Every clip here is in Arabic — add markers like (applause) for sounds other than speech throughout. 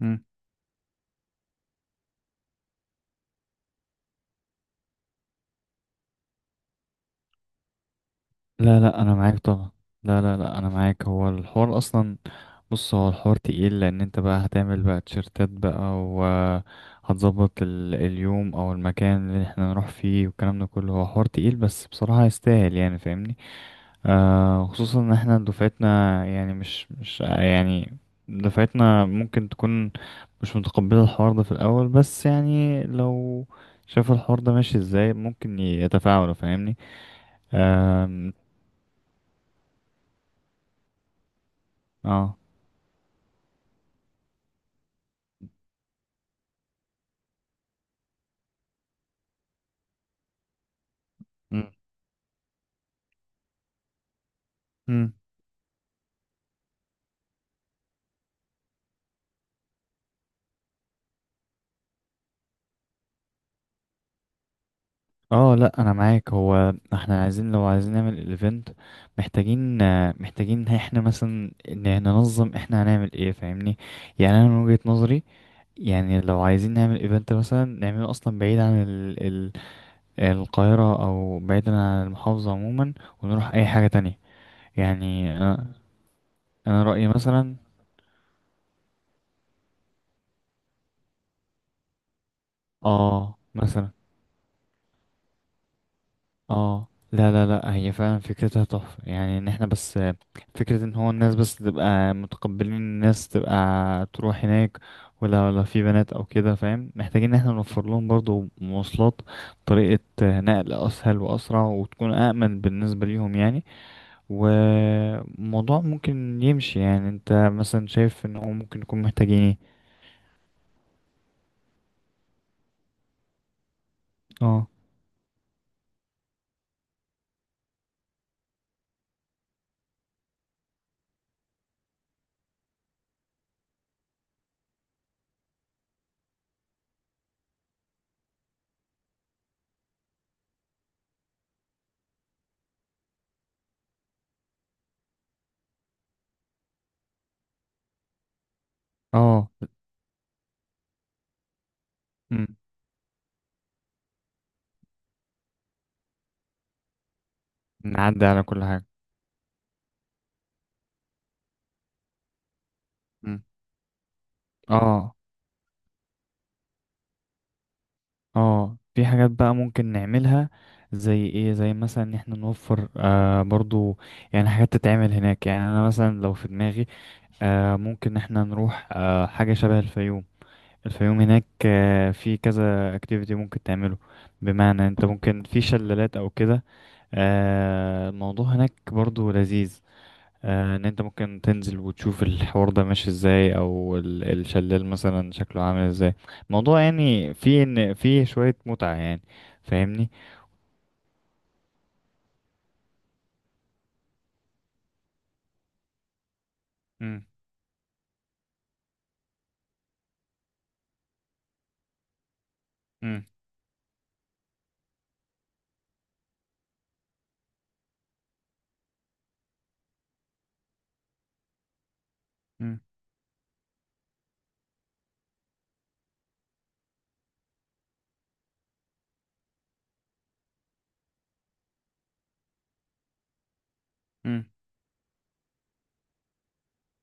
مم. لا لا، انا معاك طبعا. لا لا لا، انا معاك. هو الحوار اصلا، بص، هو الحوار تقيل لان انت بقى هتعمل بقى تيشرتات بقى، وهتظبط اليوم او المكان اللي احنا نروح فيه والكلام ده كله. هو حوار تقيل، بس بصراحة يستاهل يعني، فاهمني؟ آه، خصوصا ان احنا دفعتنا يعني مش يعني دفعتنا ممكن تكون مش متقبلة الحوار ده في الاول، بس يعني لو شاف الحوار ده ماشي ازاي ممكن يتفاعلوا، فاهمني؟ آم، اه. مم. مم. اه لا، انا معاك. هو احنا عايزين، لو عايزين نعمل الايفنت محتاجين محتاجين احنا مثلا ننظم احنا هنعمل ايه، فاهمني؟ يعني انا من وجهة نظري، يعني لو عايزين نعمل ايفنت مثلا نعمله اصلا بعيد عن ال القاهرة، او بعيد عن المحافظة عموما، ونروح اي حاجة تانية يعني انا. أنا رأيي مثلا، اه مثلا. اه لا لا لا، هي فعلا فكرتها تحفة يعني، ان احنا بس فكرة ان هو الناس بس تبقى متقبلين، الناس تبقى تروح هناك. ولا في بنات او كده فاهم، محتاجين ان احنا نوفر لهم برضو مواصلات، طريقة نقل اسهل واسرع وتكون امن بالنسبة ليهم يعني. وموضوع ممكن يمشي يعني. انت مثلا شايف ان هو ممكن يكون محتاجين ايه؟ اه. اه. مم. نعدي على كل حاجة. مم. اه. اه في حاجات بقى ممكن نعملها، زي ايه؟ زي مثلا ان احنا نوفر آه برضو يعني حاجات تتعمل هناك. يعني انا مثلا لو في دماغي، آه ممكن ان احنا نروح حاجة شبه الفيوم. الفيوم هناك آه في كذا اكتيفيتي ممكن تعمله، بمعنى انت ممكن في شلالات او كده. آه الموضوع هناك برضو لذيذ، ان انت ممكن تنزل وتشوف الحوار ده ماشي ازاي، او الشلال مثلا شكله عامل ازاي. الموضوع يعني فيه ان فيه شوية متعة يعني، فاهمني؟ مم. مم. مم. مم.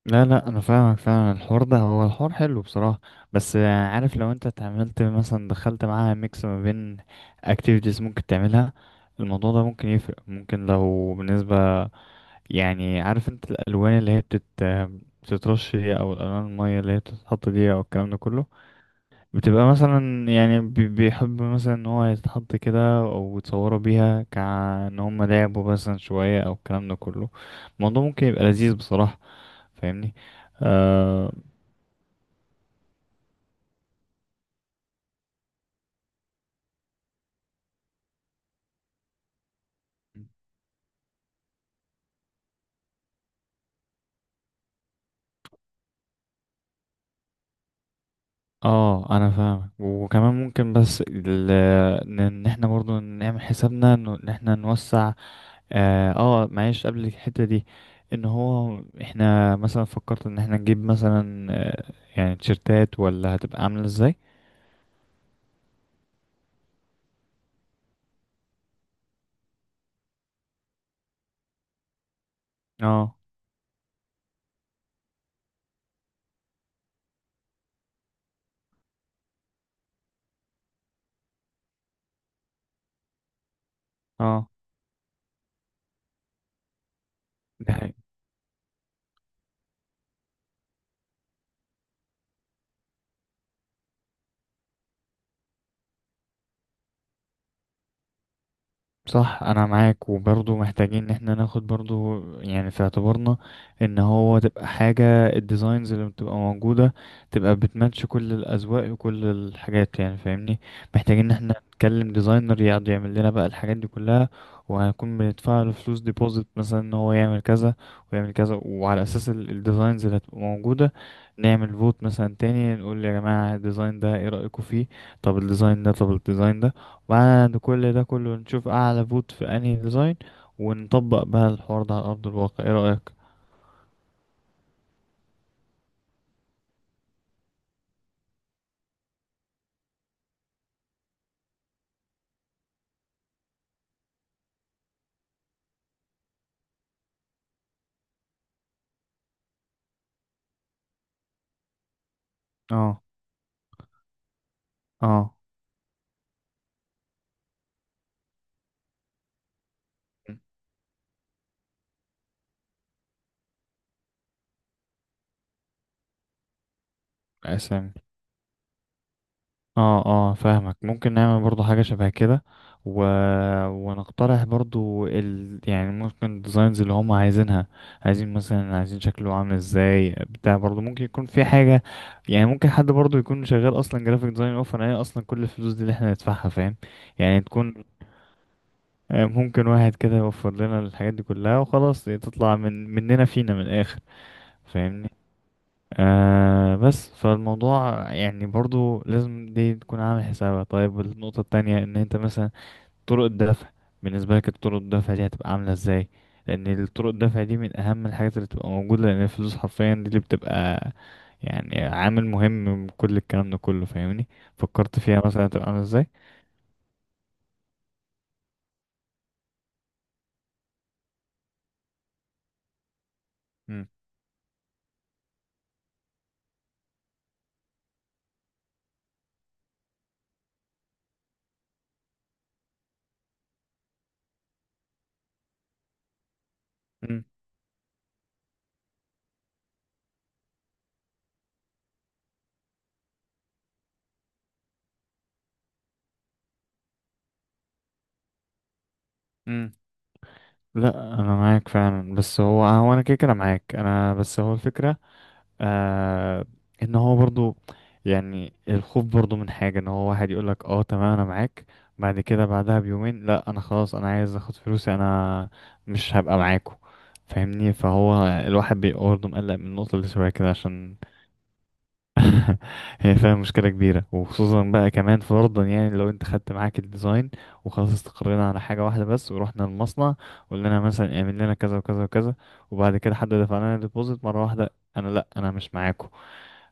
لا لا، انا فاهمك فعلا. الحوار ده هو الحوار حلو بصراحة، بس عارف لو انت اتعاملت مثلا دخلت معاها ميكس ما بين activities ممكن تعملها، الموضوع ده ممكن يفرق. ممكن لو بالنسبة يعني، عارف انت الالوان اللي هي بتترش دي، او الالوان الميه اللي هي بتتحط دي، او الكلام ده كله، بتبقى مثلا يعني بيحب مثلا ان هو يتحط كده، او يتصوروا بيها كأن هم لعبوا مثلا شويه او الكلام ده كله. الموضوع ممكن يبقى لذيذ بصراحه، فاهمني؟ آه. اه انا فاهم، وكمان ممكن بس ان إن احنا برضو نعمل حسابنا انه ان احنا نوسع. اه، معلش قبل الحتة دي، ان هو احنا مثلا فكرت ان احنا نجيب مثلا يعني تيشرتات، ولا هتبقى عاملة ازاي؟ اه. اه. ده صح، انا معاك. وبرضه محتاجين ان احنا ناخد برضه يعني في اعتبارنا ان هو تبقى حاجة الديزاينز اللي بتبقى موجودة تبقى بتماتش كل الاذواق وكل الحاجات، يعني فاهمني؟ محتاجين ان احنا نتكلم ديزاينر يقعد يعمل لنا بقى الحاجات دي كلها، وهنكون بندفع له فلوس ديبوزيت مثلا ان هو يعمل كذا ويعمل كذا، وعلى اساس الديزاينز اللي هتبقى موجودة نعمل فوت مثلا تاني نقول يا جماعة الديزاين ده ايه رأيكم فيه، طب الديزاين ده، طب الديزاين ده. بعد كل ده كله نشوف اعلى فوت في انهي ديزاين، ونطبق بقى الحوار ده على ارض الواقع، ايه رأيك؟ اه. اه. اسامي. اه اه فاهمك. ممكن نعمل برضو حاجة شبه كده، و... ونقترح برضو يعني ممكن الديزاينز اللي هم عايزينها، عايزين مثلا، عايزين شكله عامل ازاي بتاع. برضو ممكن يكون في حاجة يعني، ممكن حد برضو يكون شغال اصلا جرافيك ديزاين اوفر، هي اصلا كل الفلوس دي اللي احنا ندفعها، فاهم؟ يعني تكون ممكن واحد كده يوفر لنا الحاجات دي كلها، وخلاص تطلع من مننا فينا من الآخر، فاهمني؟ آه. بس فالموضوع يعني برضو لازم دي تكون عامل حسابها. طيب النقطة التانية، ان انت مثلا طرق الدفع، بالنسبة لك طرق الدفع دي هتبقى عاملة ازاي؟ لان الطرق الدفع دي من اهم الحاجات اللي بتبقى موجودة، لان الفلوس حرفيا دي اللي بتبقى يعني عامل مهم من كل الكلام ده كله، فاهمني؟ فكرت فيها مثلا هتبقى عاملة ازاي؟ مم. مم. لا انا معاك فعلا، بس هو هو انا كده كده معاك انا، بس هو الفكره آه ان هو برضو يعني الخوف برضو من حاجه، ان هو واحد يقول لك اه تمام انا معاك، بعد كده بعدها بيومين لا انا خلاص انا عايز اخد فلوسي انا، مش هبقى معاكو، فاهمني؟ فهو الواحد بيبقى برضه مقلق من النقطه اللي شويه كده عشان (laughs) هي فعلا مشكلة كبيرة. وخصوصا بقى كمان فرضا، يعني لو انت خدت معاك الديزاين وخلاص استقرينا على حاجة واحدة بس، ورحنا المصنع قلنا لنا مثلا اعمل لنا كذا وكذا وكذا، وبعد كده حد دفع لنا ديبوزيت مرة واحدة، انا لا انا مش معاكم.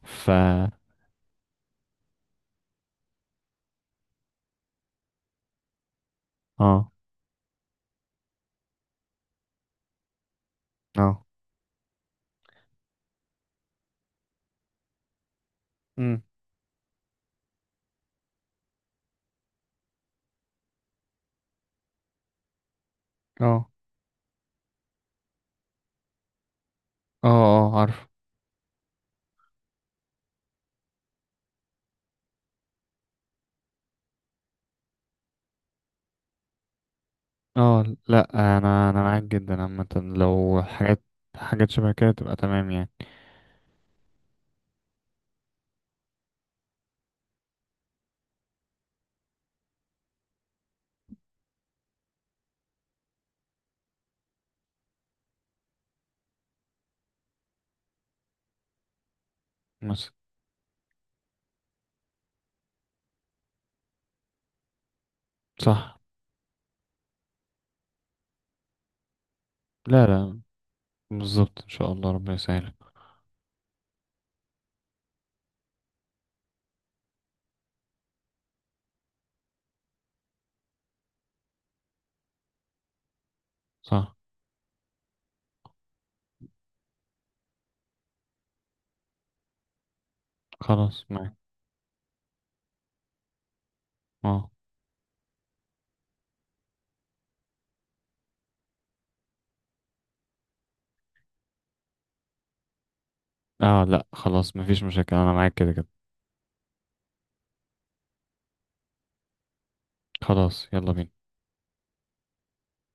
ف اه. اه. امم. اه. اه. اه عارف. اه لا، انا انا معاك جدا. عامة لو حاجات حاجات شبه كده تبقى تمام يعني. بس صح. لا لا، بالظبط، ان شاء الله ربنا يسهلك. صح. خلاص معاك. اه. اه لا خلاص، مفيش مشاكل، انا معاك كده كده. خلاص يلا بينا.